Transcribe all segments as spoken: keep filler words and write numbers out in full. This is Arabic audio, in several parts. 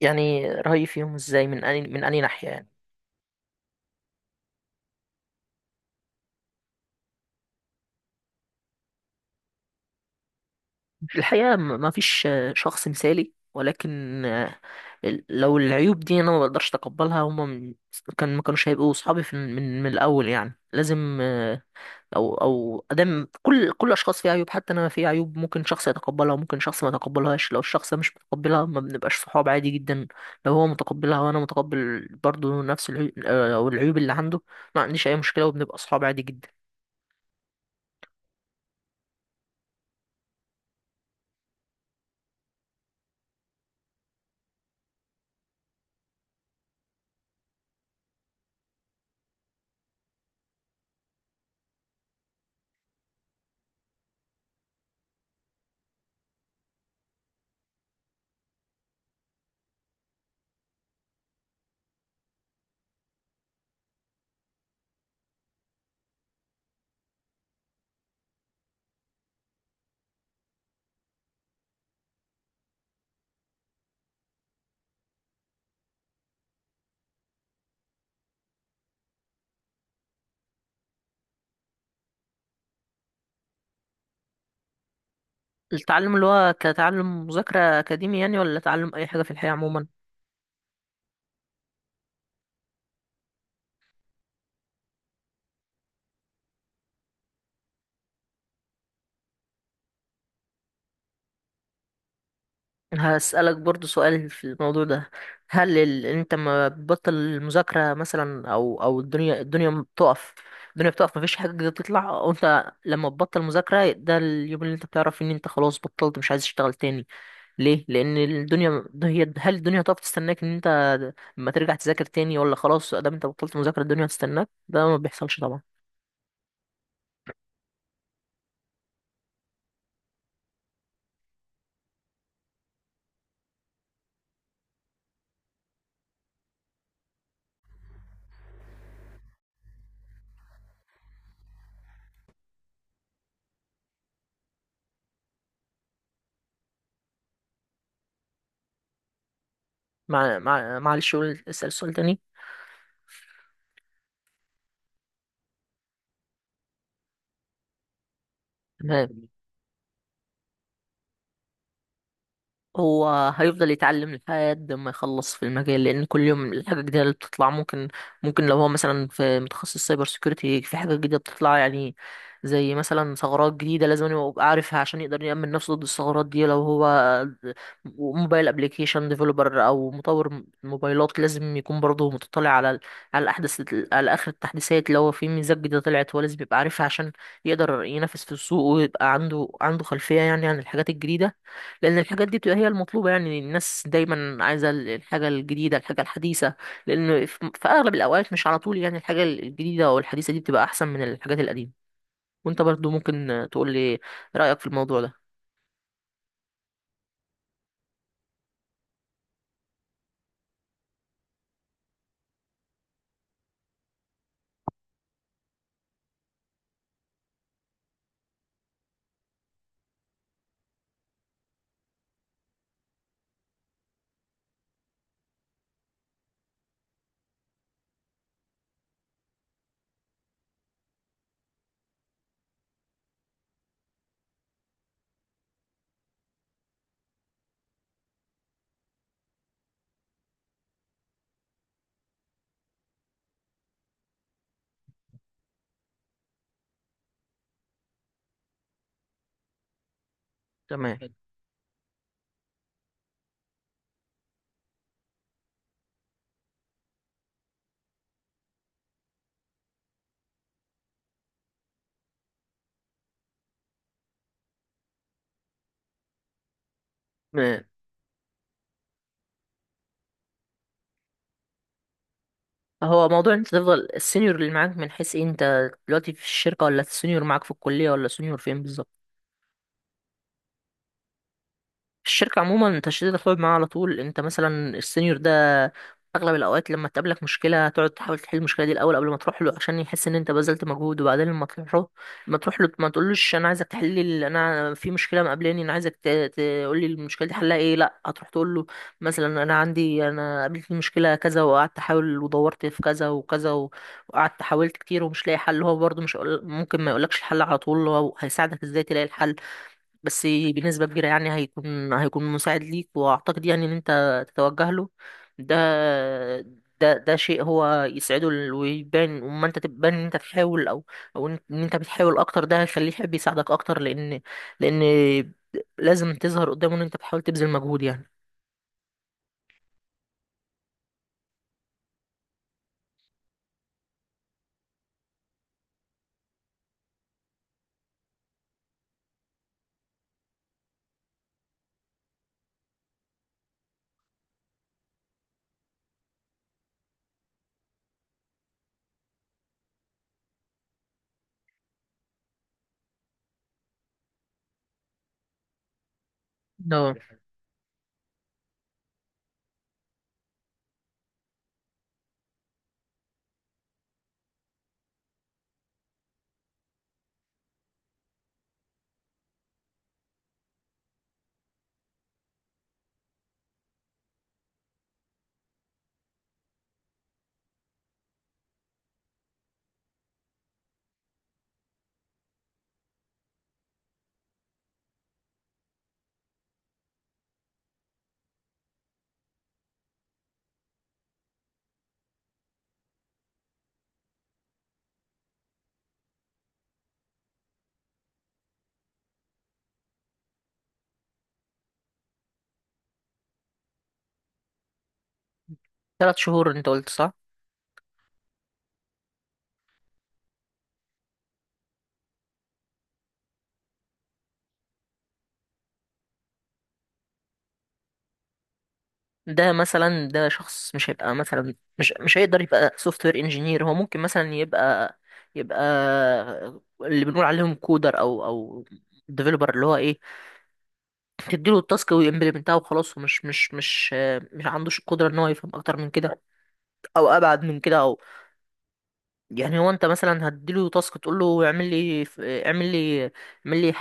يعني رأيي فيهم ازاي من أني من أني ناحية؟ يعني الحقيقة م- ما فيش آه، شخص مثالي، ولكن آه، ال- لو العيوب دي أنا ما بقدرش أتقبلها، هما م- كان ما كانوش هيبقوا صحابي في من من الأول. يعني لازم، آه، أو أو أدام، كل كل الأشخاص فيها عيوب، حتى أنا فيها عيوب، ممكن شخص يتقبلها وممكن شخص ما يتقبلهاش. لو الشخص ده مش متقبلها ما بنبقاش صحاب، عادي جدا. لو هو متقبلها وأنا متقبل برضه نفس العيوب أو العيوب اللي عنده، ما عنديش أي مشكلة وبنبقى صحاب عادي جدا. التعلم اللي هو كتعلم مذاكرة أكاديمي يعني، ولا تعلم أي حاجة في الحياة عموما؟ أنا هسألك برضو سؤال في الموضوع ده. هل ال... أنت ما بتبطل المذاكرة مثلا، أو أو الدنيا الدنيا ما بتقف؟ الدنيا بتقف، مفيش حاجة جديدة بتطلع، أو أنت لما تبطل مذاكرة ده اليوم اللي أنت بتعرف إن أنت خلاص بطلت مش عايز تشتغل تاني؟ ليه؟ لأن الدنيا، هي هل الدنيا هتقف تستناك إن أنت لما ترجع تذاكر تاني، ولا خلاص ده أنت بطلت مذاكرة الدنيا هتستناك؟ ده ما بيحصلش طبعا. مع... مع... معلش قول، اسأل سؤال تاني. تمام. هو هيفضل يتعلم لحد ما يخلص في المجال، لان كل يوم الحاجه الجديده اللي بتطلع ممكن ممكن لو هو مثلا في متخصص سايبر سيكيورتي في حاجه جديده بتطلع، يعني زي مثلا ثغرات جديده، لازم يبقى عارفها عشان يقدر يأمن نفسه ضد الثغرات دي. لو هو موبايل ابلكيشن ديفلوبر او مطور موبايلات، لازم يكون برضه متطلع على ال- على احدث على اخر التحديثات، لو في ميزات جديده طلعت هو لازم يبقى عارفها عشان يقدر ينافس في السوق ويبقى عنده عنده خلفيه يعني عن الحاجات الجديده. لان الحاجات دي بتبقى هي المطلوبه، يعني الناس دايما عايزه ال- الحاجه الجديده، الحاجه الحديثه. لان في في اغلب الاوقات، مش على طول يعني الحاجه الجديده او الحديثه دي بتبقى احسن من الحاجات القديمه. وانت برضو ممكن تقول لي رايك في الموضوع ده. تمام. م- هو موضوع انت تفضل السينيور اللي معاك من حيث ايه؟ انت دلوقتي في الشركه، ولا السينيور معاك في الكليه، ولا سينيور فين بالظبط؟ الشركة عموما تشديد الخلق معاها على طول. انت مثلا السينيور ده، اغلب الاوقات لما تقابلك مشكلة تقعد تحاول تحل المشكلة دي الاول قبل ما تروح له، عشان يحس ان انت بذلت مجهود. وبعدين لما تروح له، ما تروح له ما تقولوش انا عايزك تحل لي ال- انا في مشكلة مقابلاني، انا عايزك تقول لي المشكلة دي حلها ايه. لا، هتروح تقول له مثلا انا عندي انا قابلتني مشكلة كذا وقعدت احاول ودورت في كذا وكذا، و- وقعدت حاولت كتير ومش لاقي حل. هو برضه مش هيقول- ممكن ما يقولكش الحل على طول، هو هيساعدك ازاي تلاقي الحل. بس بنسبة كبيرة يعني هيكون هيكون مساعد ليك. وأعتقد يعني إن أنت تتوجه له، ده ده ده شيء هو يسعده. ال- ويبان وما أنت تبان إن أنت بتحاول، أو أو إن إن أنت بتحاول أكتر، ده هيخليه يحب يساعدك أكتر. لأن لأن لازم تظهر قدامه إن أنت بتحاول تبذل مجهود يعني. ده تلات شهور أنت قلت صح؟ ده مثلا، ده شخص مش هيبقى مثلا، مش مش هيقدر يبقى سوفت وير انجينير. هو ممكن مثلا يبقى يبقى اللي بنقول عليهم كودر او او ديفلوبر، اللي هو ايه، تديله التاسك ويمبلمنتها وخلاص. ومش مش مش مش عندوش القدره ان هو يفهم اكتر من كده او ابعد من كده. يعني هو انت مثلا هتديله تاسك تقول له اعمل لي ف- اعمل لي اعمل لي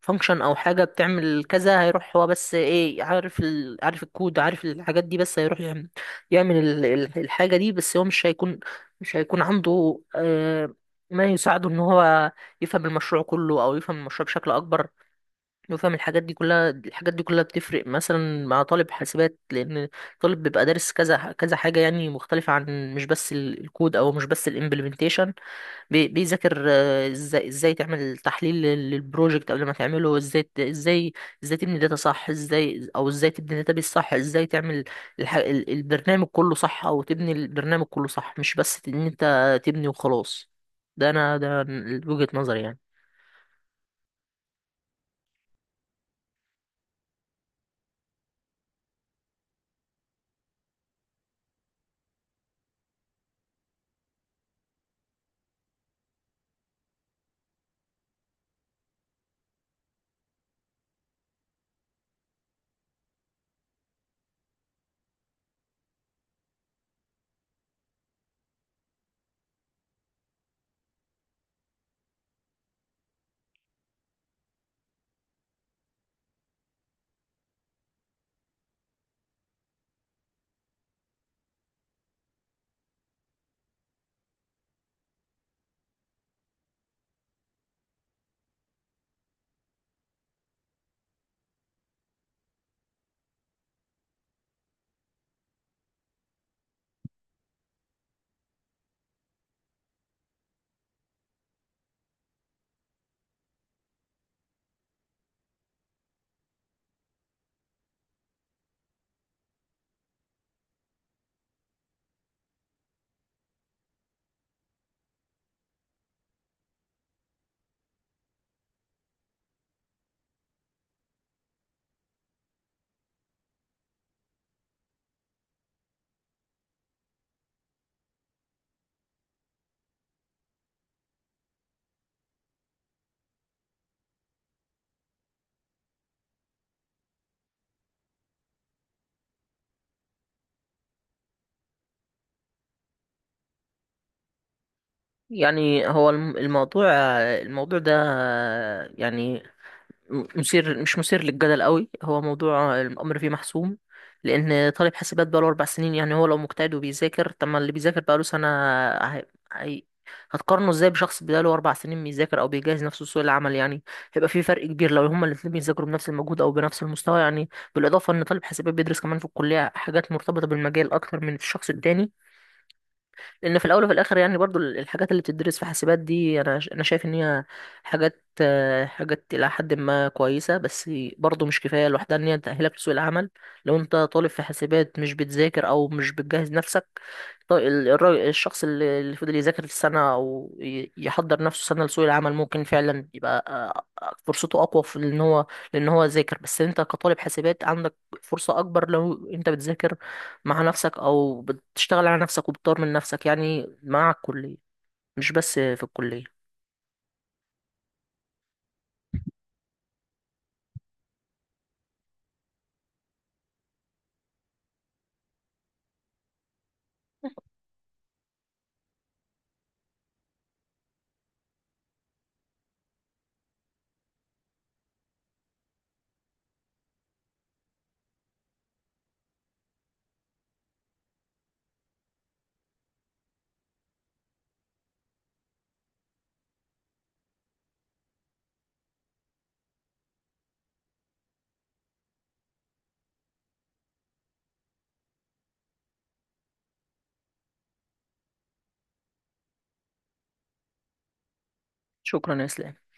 فانكشن او حاجه بتعمل كذا، هيروح هو، بس ايه، عارف ال... عارف الكود، عارف الحاجات دي، بس هيروح يعمل يعمل ال- ال- الحاجه دي بس. هو مش هيكون مش هيكون عنده آه، ما يساعده ان هو يفهم المشروع كله، او يفهم المشروع بشكل اكبر، يفهم الحاجات دي كلها. الحاجات دي كلها بتفرق مثلا مع طالب حاسبات، لان طالب بيبقى دارس كذا كذا حاجه يعني مختلفه، عن مش بس ال- الكود او مش بس الامبلمنتيشن. بي- بيذاكر آه، ازاي ازاي تعمل تحليل لل- للبروجكت قبل ما تعمله، ازاي ت- ازاي ازاي تبني داتا صح، ازاي او ازاي تبني داتابيس صح، ازاي تعمل الح... ال- البرنامج كله صح، او تبني البرنامج كله صح، مش بس ان انت تبني وخلاص. ده انا ده وجهة نظري يعني. يعني هو الم- الموضوع الموضوع ده، يعني م- مثير مش مثير للجدل قوي، هو موضوع الأمر فيه محسوم. لأن طالب حاسبات بقاله أربع سنين، يعني هو لو مجتهد وبيذاكر، طب ما اللي بيذاكر بقاله سنة، هي... هي... هتقارنه ازاي بشخص بقاله أربع سنين بيذاكر أو بيجهز نفسه لسوق العمل؟ يعني هيبقى في فرق كبير لو هما الاتنين بيذاكروا بنفس المجهود أو بنفس المستوى يعني. بالإضافة إن طالب حاسبات بيدرس كمان في الكلية حاجات مرتبطة بالمجال أكتر من الشخص التاني. لان في الاول وفي الاخر، يعني برضو ال- الحاجات اللي بتدرس في حاسبات دي، انا ش- انا شايف ان هي حاجات آه، حاجات الى حد ما كويسه، بس برضو مش كفايه لوحدها ان هي تاهلك لسوق العمل. لو انت طالب في حاسبات مش بتذاكر او مش بتجهز نفسك، طي- ال- الراجل- الشخص اللي اللي فضل يذاكر السنه او ي- يحضر نفسه سنه لسوق العمل، ممكن فعلا يبقى، آه، آه، فرصته اقوى في ان هو، لان هو ذاكر. بس انت كطالب حاسبات عندك فرصه اكبر لو انت بتذاكر مع نفسك او بتشتغل على نفسك وبتطور من نفسك، يعني مع الكلية مش بس في الكلية. شكرا يا اسلام.